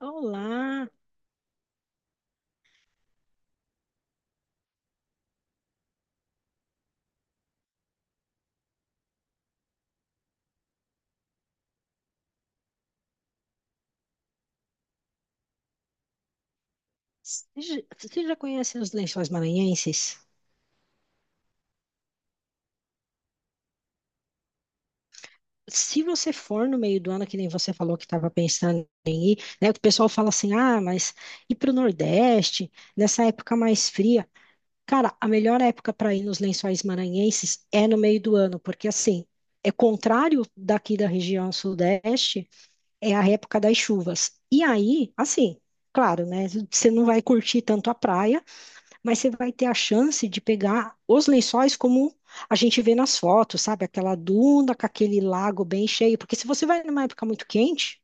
Olá! Você já conhece os Lençóis Maranhenses? Se você for no meio do ano, que nem você falou que estava pensando em ir, né? O pessoal fala assim, ah, mas ir para o Nordeste, nessa época mais fria. Cara, a melhor época para ir nos Lençóis Maranhenses é no meio do ano, porque assim, é contrário daqui da região Sudeste, é a época das chuvas. E aí, assim, claro, né? Você não vai curtir tanto a praia, mas você vai ter a chance de pegar os lençóis como a gente vê nas fotos, sabe? Aquela duna com aquele lago bem cheio, porque se você vai numa época muito quente,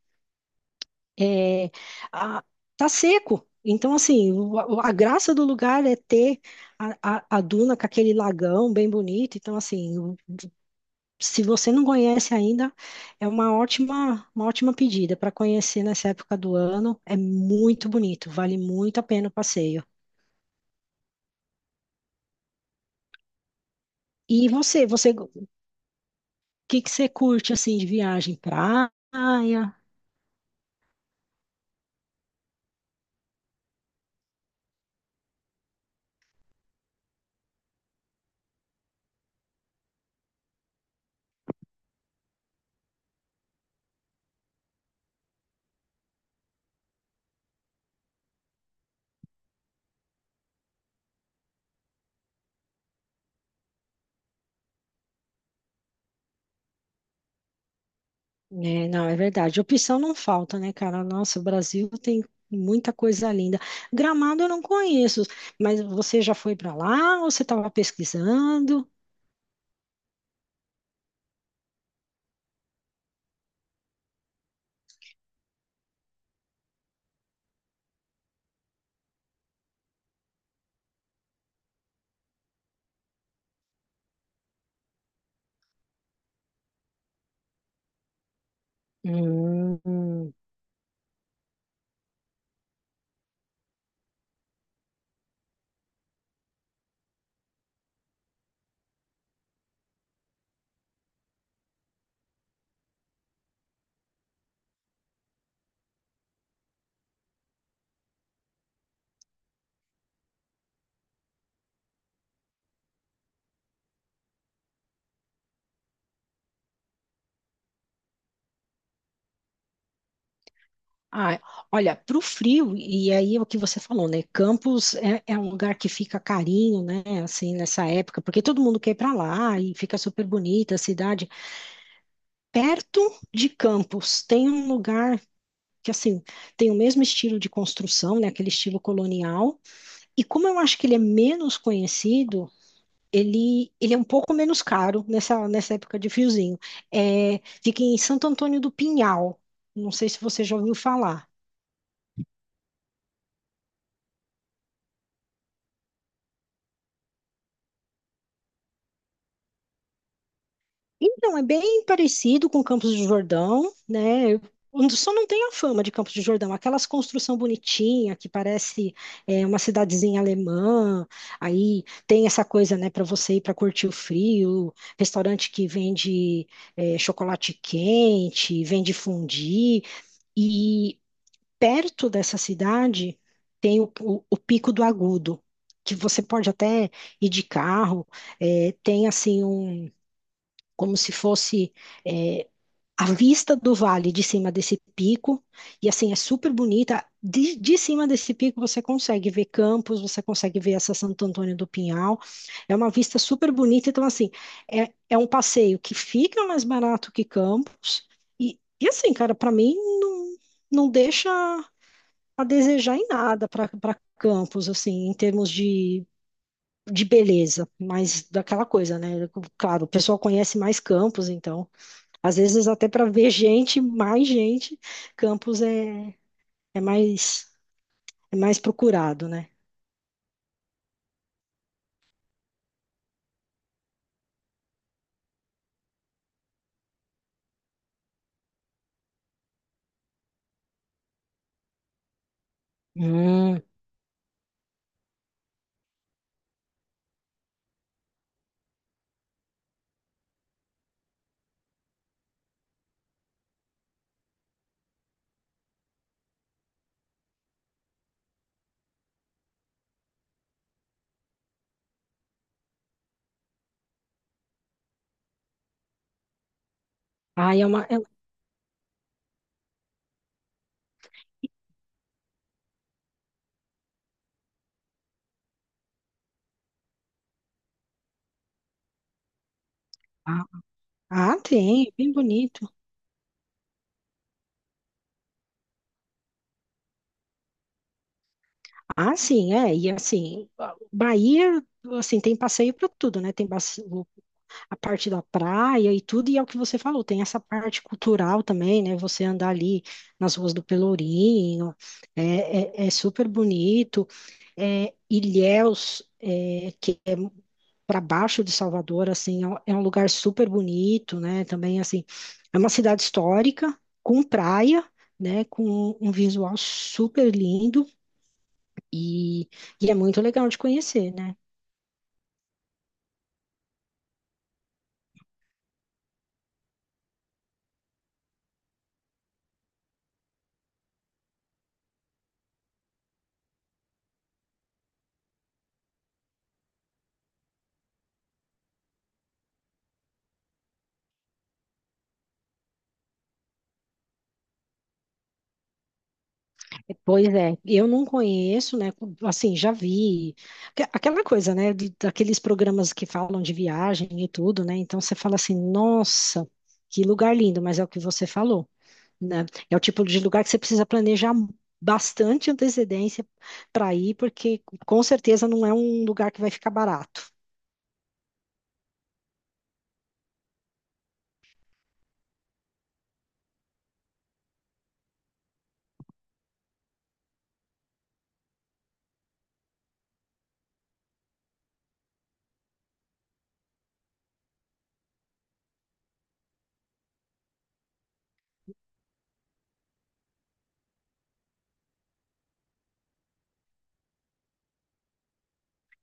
é, a- tá seco. Então, assim, a graça do lugar é ter a duna com aquele lagão bem bonito. Então, assim, se você não conhece ainda, é uma ótima pedida para conhecer nessa época do ano. É muito bonito, vale muito a pena o passeio. E você, que você curte assim de viagem? Praia? É, não, é verdade. Opção não falta, né, cara? Nossa, o Brasil tem muita coisa linda. Gramado eu não conheço, mas você já foi para lá ou você estava pesquisando? Hum. Ah, olha, para o frio, e aí é o que você falou, né? Campos é um lugar que fica carinho, né? Assim, nessa época, porque todo mundo quer ir para lá e fica super bonita a cidade. Perto de Campos tem um lugar que assim tem o mesmo estilo de construção, né, aquele estilo colonial. E como eu acho que ele é menos conhecido, ele é um pouco menos caro nessa época de friozinho. É, fica em Santo Antônio do Pinhal. Não sei se você já ouviu falar. Então, é bem parecido com Campos do Jordão, né? Eu Só não tem a fama de Campos do Jordão, aquelas construção bonitinha que parece uma cidadezinha alemã. Aí tem essa coisa, né, para você ir para curtir o frio, restaurante que vende chocolate quente, vende fondue. E perto dessa cidade tem o Pico do Agudo, que você pode até ir de carro. Tem assim um como se fosse a vista do vale de cima desse pico, e assim, é super bonita. De cima desse pico você consegue ver Campos, você consegue ver essa Santo Antônio do Pinhal. É uma vista super bonita. Então, assim, é um passeio que fica mais barato que Campos. E assim, cara, para mim não, não deixa a desejar em nada para Campos, assim, em termos de beleza. Mas daquela coisa, né? Claro, o pessoal conhece mais Campos, então. Às vezes até para ver gente, mais gente, Campos é mais é mais procurado, né? Hum. Ah, é uma um, ah, ah, tem, bem bonito. Ah, sim, é, e assim, Bahia, assim, tem passeio para tudo, né? Tem a parte da praia e tudo, e é o que você falou, tem essa parte cultural também, né? Você andar ali nas ruas do Pelourinho, é super bonito. É, Ilhéus, que é para baixo de Salvador, assim, é um lugar super bonito, né? Também, assim, é uma cidade histórica, com praia, né? Com um visual super lindo e, e é muito legal de conhecer, né? Pois é, eu não conheço, né? Assim, já vi aquela coisa, né? Daqueles programas que falam de viagem e tudo, né? Então você fala assim, nossa, que lugar lindo, mas é o que você falou, né? É o tipo de lugar que você precisa planejar bastante antecedência para ir, porque com certeza não é um lugar que vai ficar barato.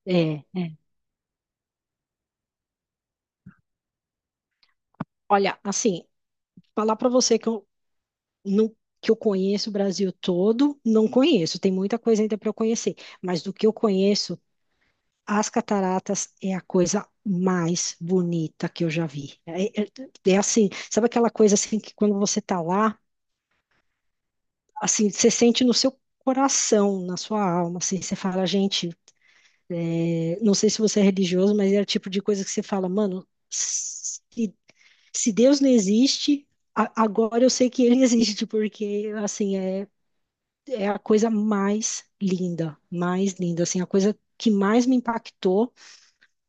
É, é. Olha, assim, falar para você que eu não que eu conheço o Brasil todo, não conheço, tem muita coisa ainda para eu conhecer, mas do que eu conheço as cataratas é a coisa mais bonita que eu já vi. É assim, sabe aquela coisa assim que quando você tá lá, assim, você sente no seu coração, na sua alma, assim, você fala, gente, não sei se você é religioso, mas é o tipo de coisa que você fala, mano, se Deus não existe, agora eu sei que ele existe, porque assim, é a coisa mais linda, assim, a coisa que mais me impactou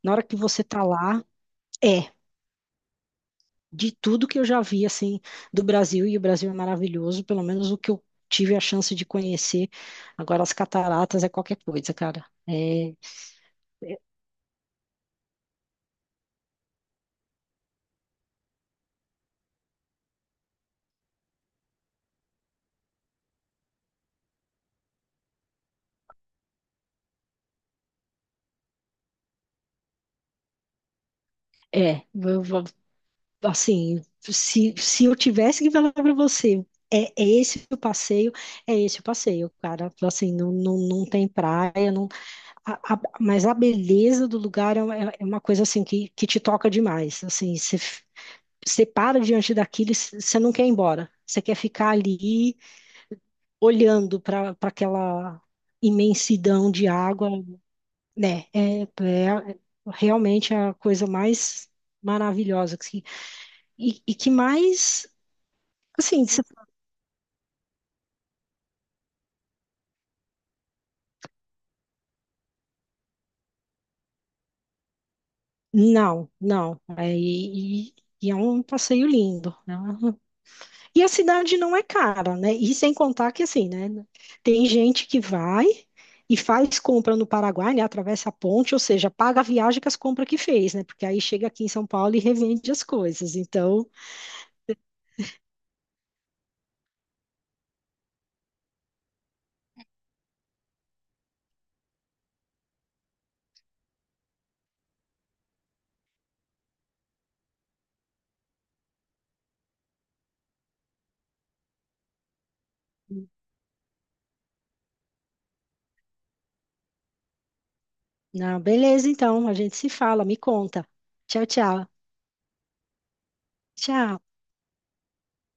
na hora que você tá lá. É, de tudo que eu já vi assim do Brasil e o Brasil é maravilhoso, pelo menos o que eu tive a chance de conhecer. Agora as cataratas é qualquer coisa, cara. É, é, assim, se eu tivesse que falar para você, é esse o passeio, é esse o passeio, cara. Assim, não, não, não tem praia, não, mas a beleza do lugar é, uma é é uma coisa assim que te toca demais. Assim, você para diante daquilo e você não quer ir embora. Você quer ficar ali olhando para aquela imensidão de água, né? É realmente a coisa mais maravilhosa que, e- que mais, assim, não, não. É, e é um passeio lindo, né? E a cidade não é cara, né? E sem contar que, assim, né? Tem gente que vai e faz compra no Paraguai, né? Atravessa a ponte, ou seja, paga a viagem com as compras que fez, né? Porque aí chega aqui em São Paulo e revende as coisas. Então, não, beleza, então, a gente se fala, me conta. Tchau, tchau. Tchau.